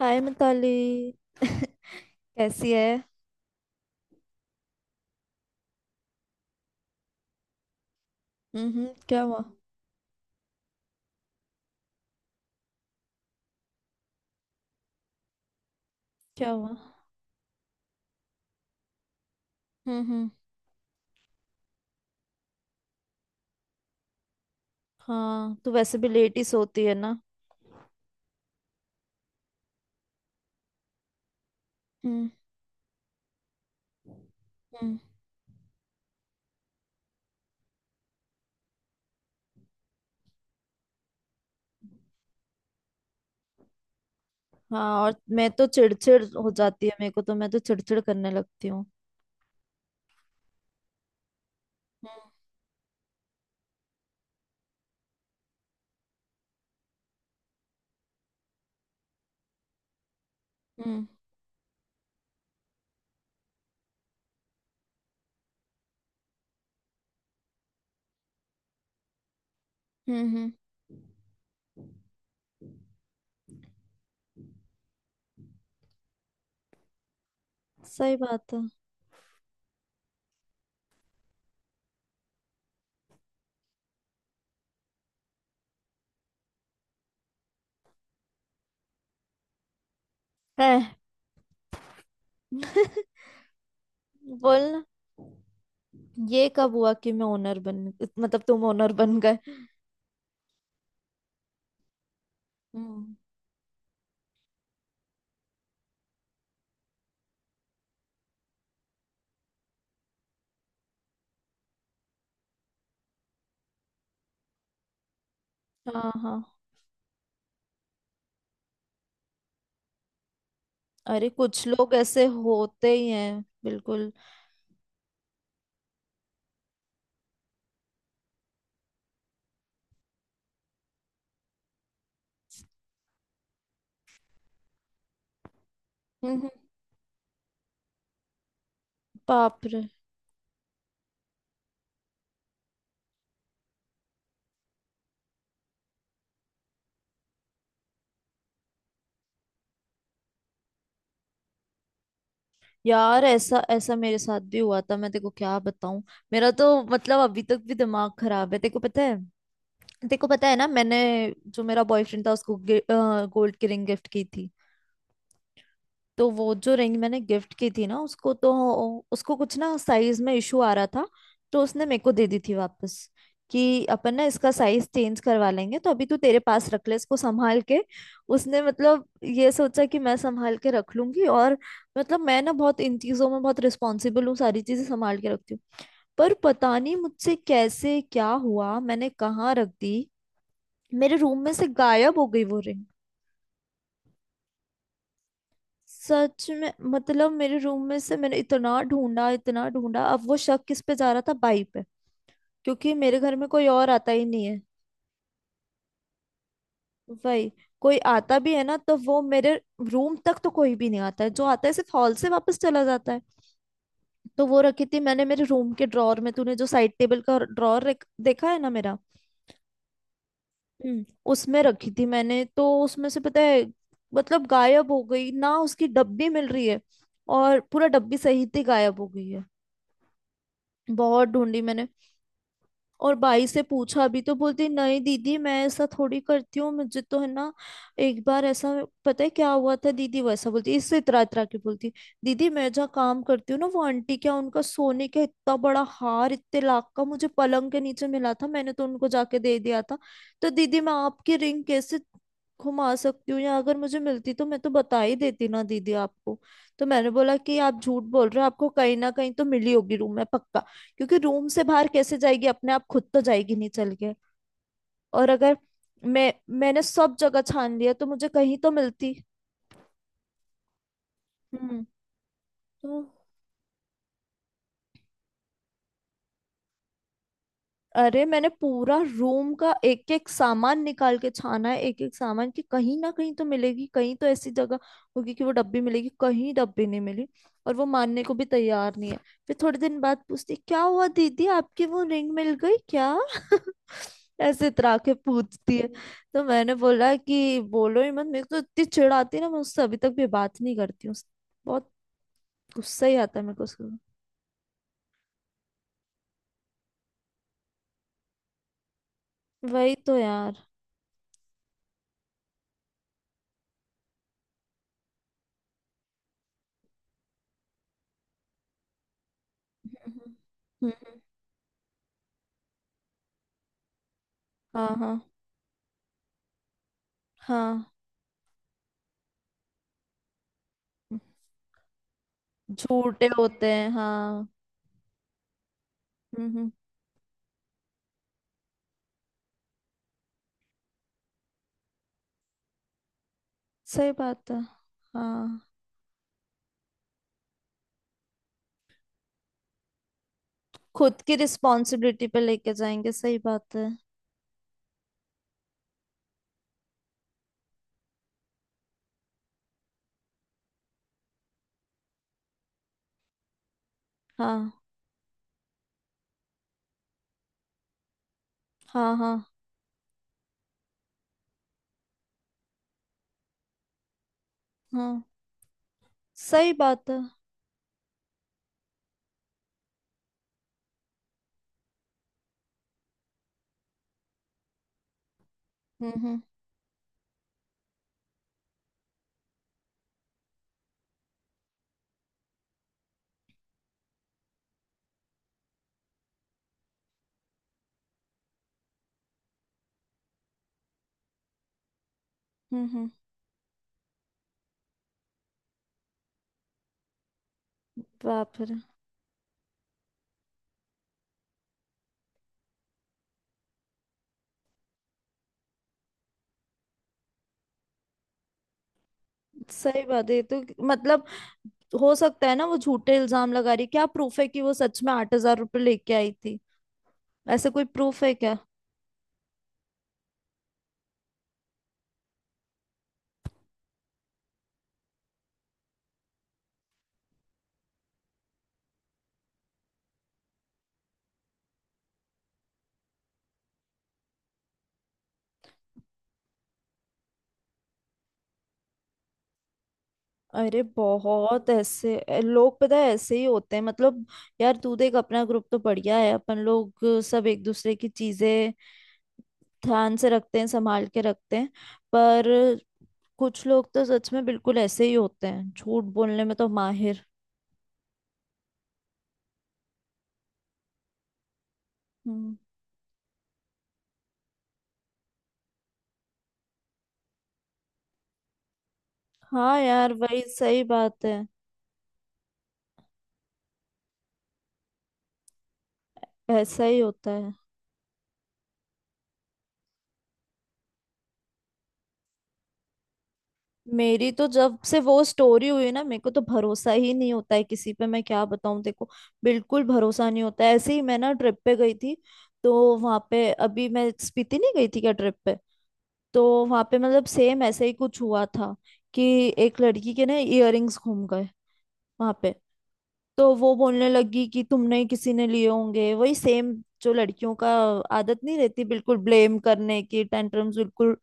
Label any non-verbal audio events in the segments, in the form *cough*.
हाय मिताली। कैसी है। हम्म, क्या हुआ। क्या हुआ। हम्म। हाँ, तू वैसे भी लेट ही सोती है ना। हम्म हम्म। हाँ, और मैं तो चिड़चिड़ हो जाती है, मेरे को तो मैं तो चिड़चिड़ करने लगती हूँ। हम्म हम्म। सही बात है। है। *laughs* बोल ना, ये कब हुआ कि मैं ओनर बन। मतलब तुम ओनर बन गए। हम्म। हाँ हाँ। अरे कुछ लोग ऐसे होते ही हैं बिल्कुल। हम्म हम्म, बाप रे। यार ऐसा ऐसा मेरे साथ भी हुआ था, मैं तेको क्या बताऊं। मेरा तो मतलब अभी तक भी दिमाग खराब है, तेको पता है। तेको पता है ना, मैंने जो मेरा बॉयफ्रेंड था उसको गोल्ड की रिंग गिफ्ट की थी। तो वो जो रिंग मैंने गिफ्ट की थी ना उसको, तो उसको कुछ ना साइज में इशू आ रहा था। तो उसने मेरे को दे दी थी वापस कि अपन ना इसका साइज चेंज करवा लेंगे, तो अभी तू तेरे पास रख ले इसको संभाल के। उसने मतलब ये सोचा कि मैं संभाल के रख लूंगी। और मतलब मैं ना बहुत इन चीजों में बहुत रिस्पॉन्सिबल हूँ, सारी चीजें संभाल के रखती हूँ। पर पता नहीं मुझसे कैसे क्या हुआ, मैंने कहाँ रख दी। मेरे रूम में से गायब हो गई वो रिंग। सच में मतलब मेरे रूम में से मैंने इतना ढूंढा इतना ढूंढा। अब वो शक किस पे जा रहा था, बाई पे। क्योंकि मेरे घर में कोई और आता ही नहीं है। वही, कोई आता भी है ना तो वो मेरे रूम तक तो कोई भी नहीं आता है। जो आता है सिर्फ हॉल से वापस चला जाता है। तो वो रखी थी मैंने मेरे रूम के ड्रॉर में, तूने जो साइड टेबल का ड्रॉर देखा है ना मेरा। हम्म। उसमें रखी थी मैंने, तो उसमें से पता है मतलब गायब हो गई ना, उसकी डब्बी मिल रही है। और पूरा डब्बी सहित ही गायब हो गई है। बहुत ढूंढी मैंने। और भाई से पूछा भी तो बोलती नहीं दीदी मैं ऐसा थोड़ी करती हूँ, मुझे तो है ना एक बार ऐसा पता है क्या हुआ था दीदी, वैसा बोलती इससे इतरा इतरा के बोलती, दीदी मैं जहाँ काम करती हूँ ना वो आंटी क्या उनका सोने का इतना बड़ा हार इतने लाख का मुझे पलंग के नीचे मिला था, मैंने तो उनको जाके दे दिया था। तो दीदी मैं आपकी रिंग कैसे घुमा सकती हूँ, या अगर मुझे मिलती तो मैं तो बता ही देती ना दीदी आपको। तो मैंने बोला कि आप झूठ बोल रहे हो, आपको कहीं ना कहीं तो मिली होगी रूम में पक्का। क्योंकि रूम से बाहर कैसे जाएगी, अपने आप खुद तो जाएगी नहीं चल के। और अगर मैं, मैंने सब जगह छान लिया तो मुझे कहीं तो मिलती। हम्म। तो अरे मैंने पूरा रूम का एक एक सामान निकाल के छाना है, एक एक सामान कि कहीं ना कहीं तो मिलेगी, कहीं तो ऐसी जगह होगी कि वो डब्बी मिलेगी। कहीं डब्बी नहीं मिली। और वो मानने को भी तैयार नहीं है। फिर थोड़े दिन बाद पूछती क्या हुआ दीदी आपकी वो रिंग मिल गई क्या। *laughs* ऐसे इतरा के पूछती है। तो मैंने बोला कि बोलो ही मत, मेरे को तो इतनी चिढ़ आती है ना, मैं उससे अभी तक भी बात नहीं करती हूँ। बहुत गुस्सा ही आता है मेरे को उसके। वही तो यार। हम्म हम्म, हम्म, हाँ हाँ हाँ। झूठे होते हैं हाँ। हम्म। सही बात है। हाँ। खुद की रिस्पॉन्सिबिलिटी पे लेके जाएंगे, सही बात है। हाँ हाँ हाँ हाँ। सही बात है। हम्म हम्म हम्म। बाप रे। सही बात है ये तो। मतलब हो सकता है ना वो झूठे इल्जाम लगा रही है। क्या प्रूफ है कि वो सच में 8,000 रुपये लेके आई थी। ऐसे कोई प्रूफ है क्या। अरे बहुत ऐसे लोग पता है ऐसे ही होते हैं मतलब। यार तू देख अपना ग्रुप तो बढ़िया है अपन लोग, सब एक दूसरे की चीजें ध्यान से रखते हैं संभाल के रखते हैं। पर कुछ लोग तो सच में बिल्कुल ऐसे ही होते हैं, झूठ बोलने में तो माहिर। हम्म। हाँ यार वही सही बात है। ऐसा ही होता है। मेरी तो जब से वो स्टोरी हुई ना मेरे को तो भरोसा ही नहीं होता है किसी पे, मैं क्या बताऊं देखो। बिल्कुल भरोसा नहीं होता है। ऐसे ही मैं ना ट्रिप पे गई थी, तो वहां पे, अभी मैं स्पीति नहीं गई थी क्या ट्रिप पे, तो वहां पे मतलब सेम ऐसे ही कुछ हुआ था कि एक लड़की के ना इयररिंग्स घूम गए वहां पे। तो वो बोलने लगी कि तुमने किसी ने लिए होंगे, वही सेम। जो लड़कियों का आदत नहीं रहती, बिल्कुल ब्लेम करने की, टेंटरम्स बिल्कुल,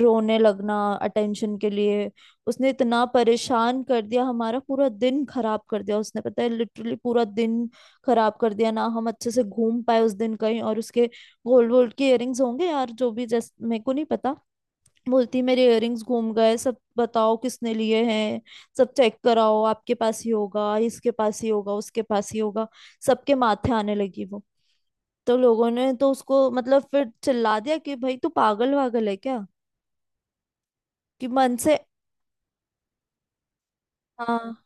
रोने लगना, अटेंशन के लिए। उसने इतना परेशान कर दिया, हमारा पूरा दिन खराब कर दिया उसने, पता है लिटरली पूरा दिन खराब कर दिया। ना हम अच्छे से घूम पाए उस दिन कहीं और। उसके गोल्ड वोल्ड के इयररिंग्स होंगे यार जो भी, जैसे मेरे को नहीं पता। बोलती मेरे इयररिंग्स घूम गए, सब बताओ किसने लिए हैं, सब चेक कराओ, आपके पास ही होगा, इसके पास ही होगा, उसके पास ही होगा। सबके माथे आने लगी वो। तो लोगों ने तो उसको मतलब फिर चिल्ला दिया कि भाई तू पागल वागल है क्या, कि मन से। हाँ।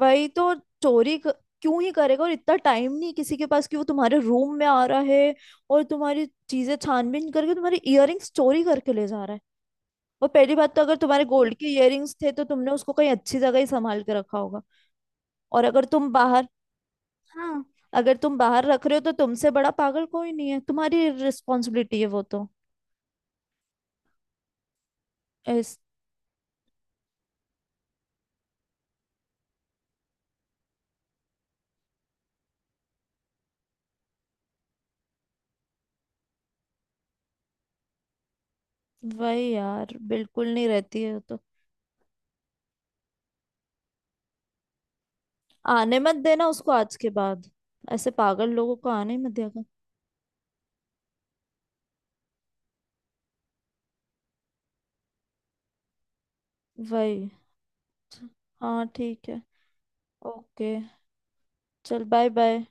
वही तो, चोरी क... क्यों ही करेगा। और इतना टाइम नहीं किसी के पास कि वो तुम्हारे रूम में आ रहा है और तुम्हारी चीजें छानबीन करके तुम्हारे इयररिंग्स चोरी करके ले जा रहा है। और पहली बात तो अगर तुम्हारे गोल्ड के इयररिंग्स थे तो तुमने उसको कहीं अच्छी जगह ही संभाल के रखा होगा। और अगर तुम बाहर हाँ, अगर तुम बाहर रख रहे हो तो तुमसे बड़ा पागल कोई नहीं है, तुम्हारी रिस्पॉन्सिबिलिटी है वो तो। इस वही यार, बिल्कुल नहीं रहती है वो तो। आने मत देना उसको आज के बाद, ऐसे पागल लोगों को आने ही मत देगा। वही। च- हाँ ठीक है। ओके, चल बाय बाय।